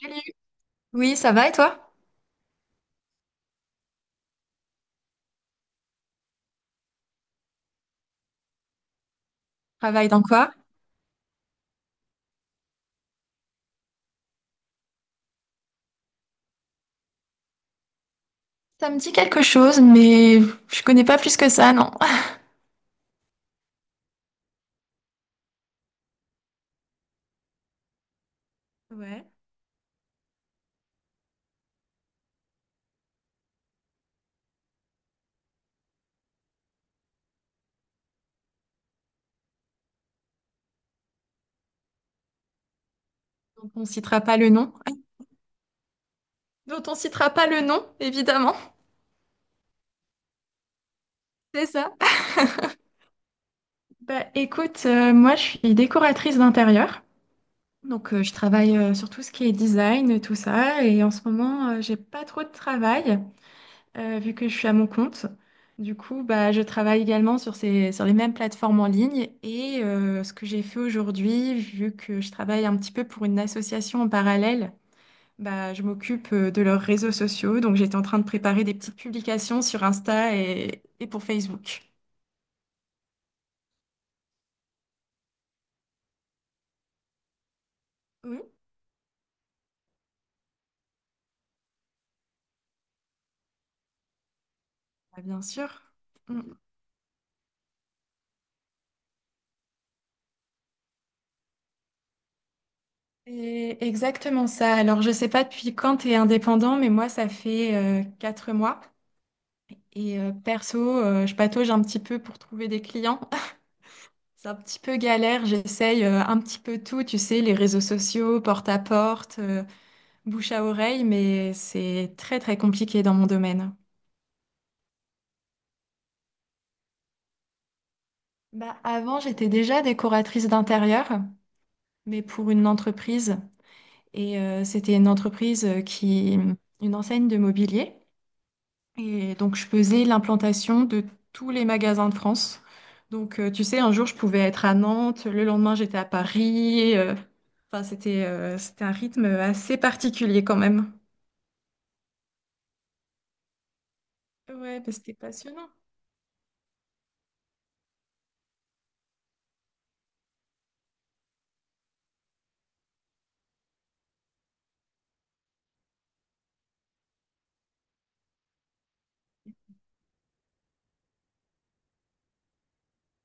Salut. Oui, ça va et toi? Travaille dans quoi? Ça me dit quelque chose, mais je connais pas plus que ça, non. Ouais. Donc on citera pas le nom. Dont on citera pas le nom, évidemment. C'est ça. Bah écoute, moi je suis décoratrice d'intérieur. Donc je travaille sur tout ce qui est design, tout ça. Et en ce moment, j'ai pas trop de travail, vu que je suis à mon compte. Du coup, bah, je travaille également sur sur les mêmes plateformes en ligne. Et ce que j'ai fait aujourd'hui, vu que je travaille un petit peu pour une association en parallèle, bah, je m'occupe de leurs réseaux sociaux. Donc, j'étais en train de préparer des petites publications sur Insta et pour Facebook. Oui, bah, bien sûr. Mm. C'est exactement ça. Alors, je sais pas depuis quand tu es indépendant, mais moi, ça fait 4 mois. Et perso, je patauge un petit peu pour trouver des clients. C'est un petit peu galère, j'essaye un petit peu tout, tu sais, les réseaux sociaux, porte à porte, bouche à oreille, mais c'est très très compliqué dans mon domaine. Bah, avant, j'étais déjà décoratrice d'intérieur, mais pour une entreprise. Et c'était une entreprise une enseigne de mobilier. Et donc, je faisais l'implantation de tous les magasins de France. Donc, tu sais, un jour, je pouvais être à Nantes, le lendemain, j'étais à Paris. Enfin, c'était un rythme assez particulier quand même. Ouais, bah, c'était passionnant.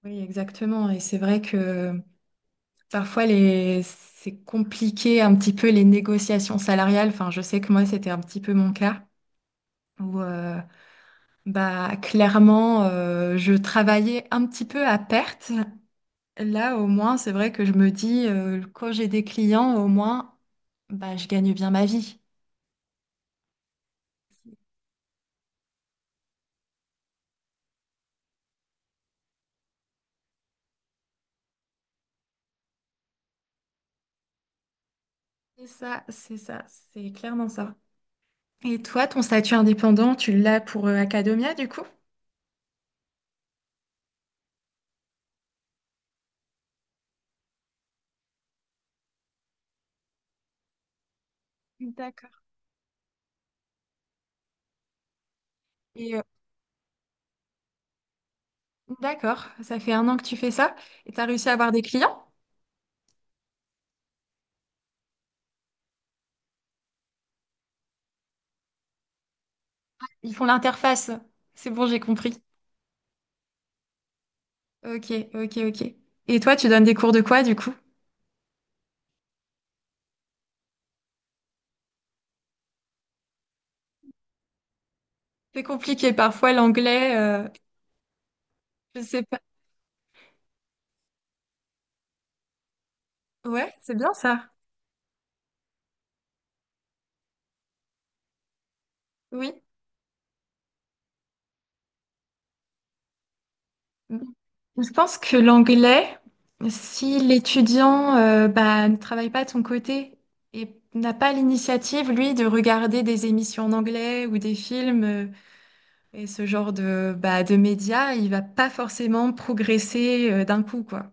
Oui, exactement. Et c'est vrai que parfois, c'est compliqué un petit peu les négociations salariales. Enfin, je sais que moi, c'était un petit peu mon cas. Où, bah, clairement, je travaillais un petit peu à perte. Là, au moins, c'est vrai que je me dis, quand j'ai des clients, au moins, bah, je gagne bien ma vie. C'est ça, c'est ça, c'est clairement ça. Et toi, ton statut indépendant, tu l'as pour Acadomia, du coup? D'accord. Et d'accord, ça fait un an que tu fais ça et tu as réussi à avoir des clients? Ils font l'interface. C'est bon, j'ai compris. Ok, ok, ok. Et toi, tu donnes des cours de quoi, du coup? C'est compliqué parfois l'anglais. Je sais pas. Ouais, c'est bien ça. Oui. Je pense que l'anglais, si l'étudiant bah, ne travaille pas de son côté et n'a pas l'initiative, lui, de regarder des émissions en anglais ou des films et ce genre de, bah, de médias, il va pas forcément progresser d'un coup, quoi.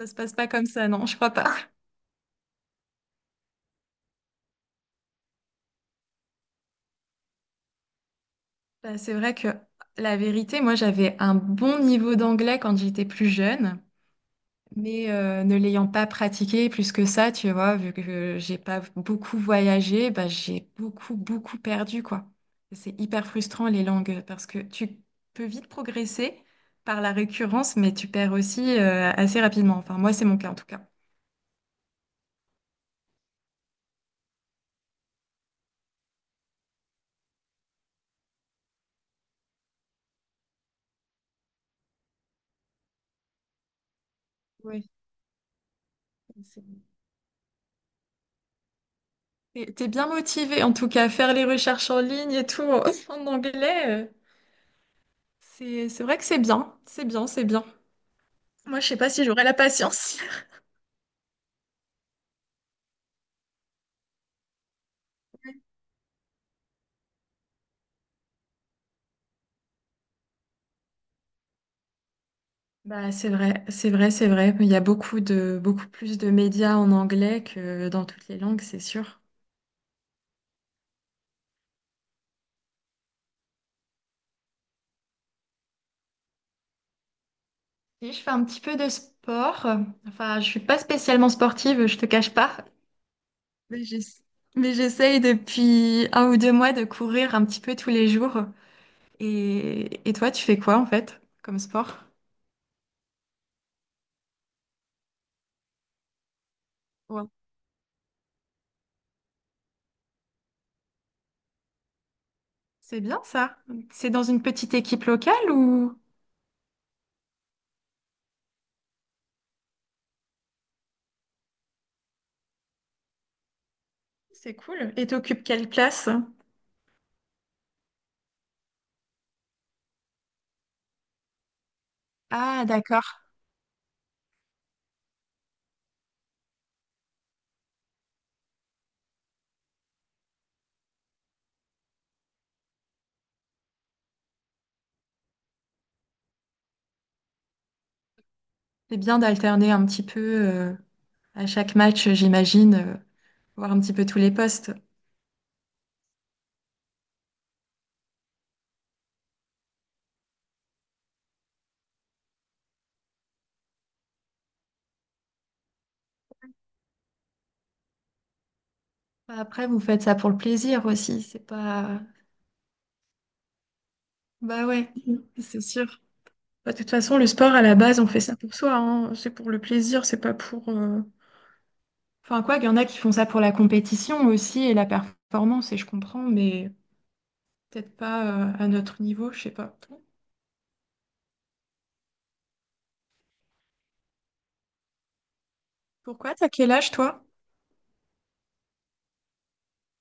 Ça se passe pas comme ça, non, je crois pas. Bah, c'est vrai que la vérité, moi, j'avais un bon niveau d'anglais quand j'étais plus jeune. Mais ne l'ayant pas pratiqué plus que ça, tu vois, vu que j'ai pas beaucoup voyagé, bah, j'ai beaucoup, beaucoup perdu, quoi. C'est hyper frustrant les langues parce que tu peux vite progresser par la récurrence, mais tu perds aussi assez rapidement. Enfin, moi, c'est mon cas en tout cas. Oui, c'est- t'es bien motivé en tout cas, faire les recherches en ligne et tout en anglais, c'est vrai que c'est bien, c'est bien, c'est bien. Moi, je sais pas si j'aurais la patience. Bah, c'est vrai, c'est vrai, c'est vrai. Il y a beaucoup de, beaucoup plus de médias en anglais que dans toutes les langues, c'est sûr. Si je fais un petit peu de sport, enfin, je suis pas spécialement sportive, je te cache pas, mais j'ess- mais j'essaye depuis 1 ou 2 mois de courir un petit peu tous les jours. Et toi, tu fais quoi en fait comme sport? Ouais. C'est bien ça. C'est dans une petite équipe locale ou? C'est cool. Et t'occupes quelle place? Ah, d'accord. C'est bien d'alterner un petit peu à chaque match, j'imagine, voir un petit peu tous les postes. Bah, après, vous faites ça pour le plaisir aussi, c'est pas. Bah ouais, c'est sûr. Bah, de toute façon, le sport, à la base, on fait ça pour soi, hein. C'est pour le plaisir, c'est pas pour. Enfin, quoi, il y en a qui font ça pour la compétition aussi et la performance, et je comprends, mais peut-être pas à notre niveau, je sais pas. Pourquoi? T'as quel âge, toi?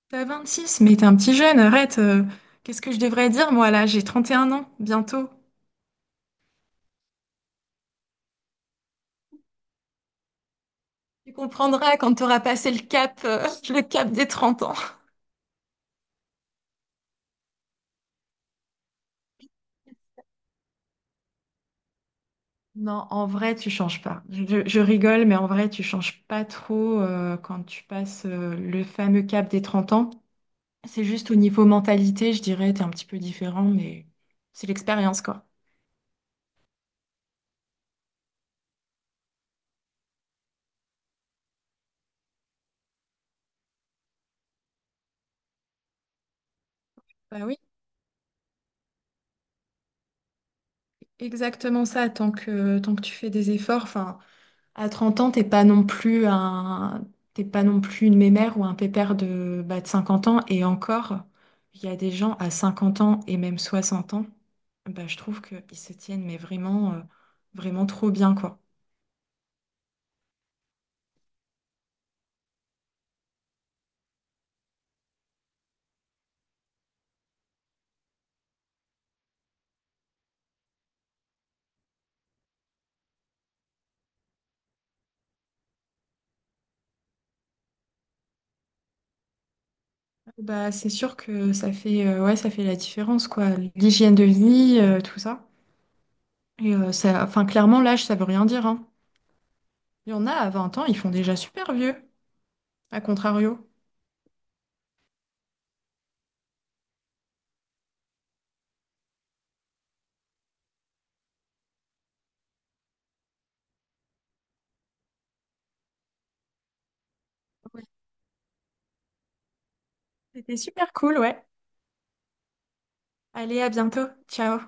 T'as 26, mais t'es un petit jeune, arrête. Qu'est-ce que je devrais dire, moi, là? J'ai 31 ans, bientôt. Tu comprendras quand tu auras passé le cap, le cap des 30 ans. Non, en vrai, tu changes pas. Je rigole, mais en vrai, tu changes pas trop quand tu passes le fameux cap des 30 ans. C'est juste au niveau mentalité, je dirais, t'es un petit peu différent, mais c'est l'expérience, quoi. Bah oui, exactement ça. Tant que tu fais des efforts, enfin, à 30 ans, t'es pas non plus une mémère ou un pépère de, bah, de 50 ans. Et encore, il y a des gens à 50 ans et même 60 ans, bah, je trouve qu'ils se tiennent, mais vraiment, vraiment trop bien, quoi. Bah, c'est sûr que ça fait, ouais, ça fait la différence, quoi. L'hygiène de vie, tout ça. Et ça, enfin, clairement, l'âge, ça veut rien dire, hein. Il y en a à 20 ans, ils font déjà super vieux, à contrario. Ouais. C'était super cool, ouais. Allez, à bientôt. Ciao.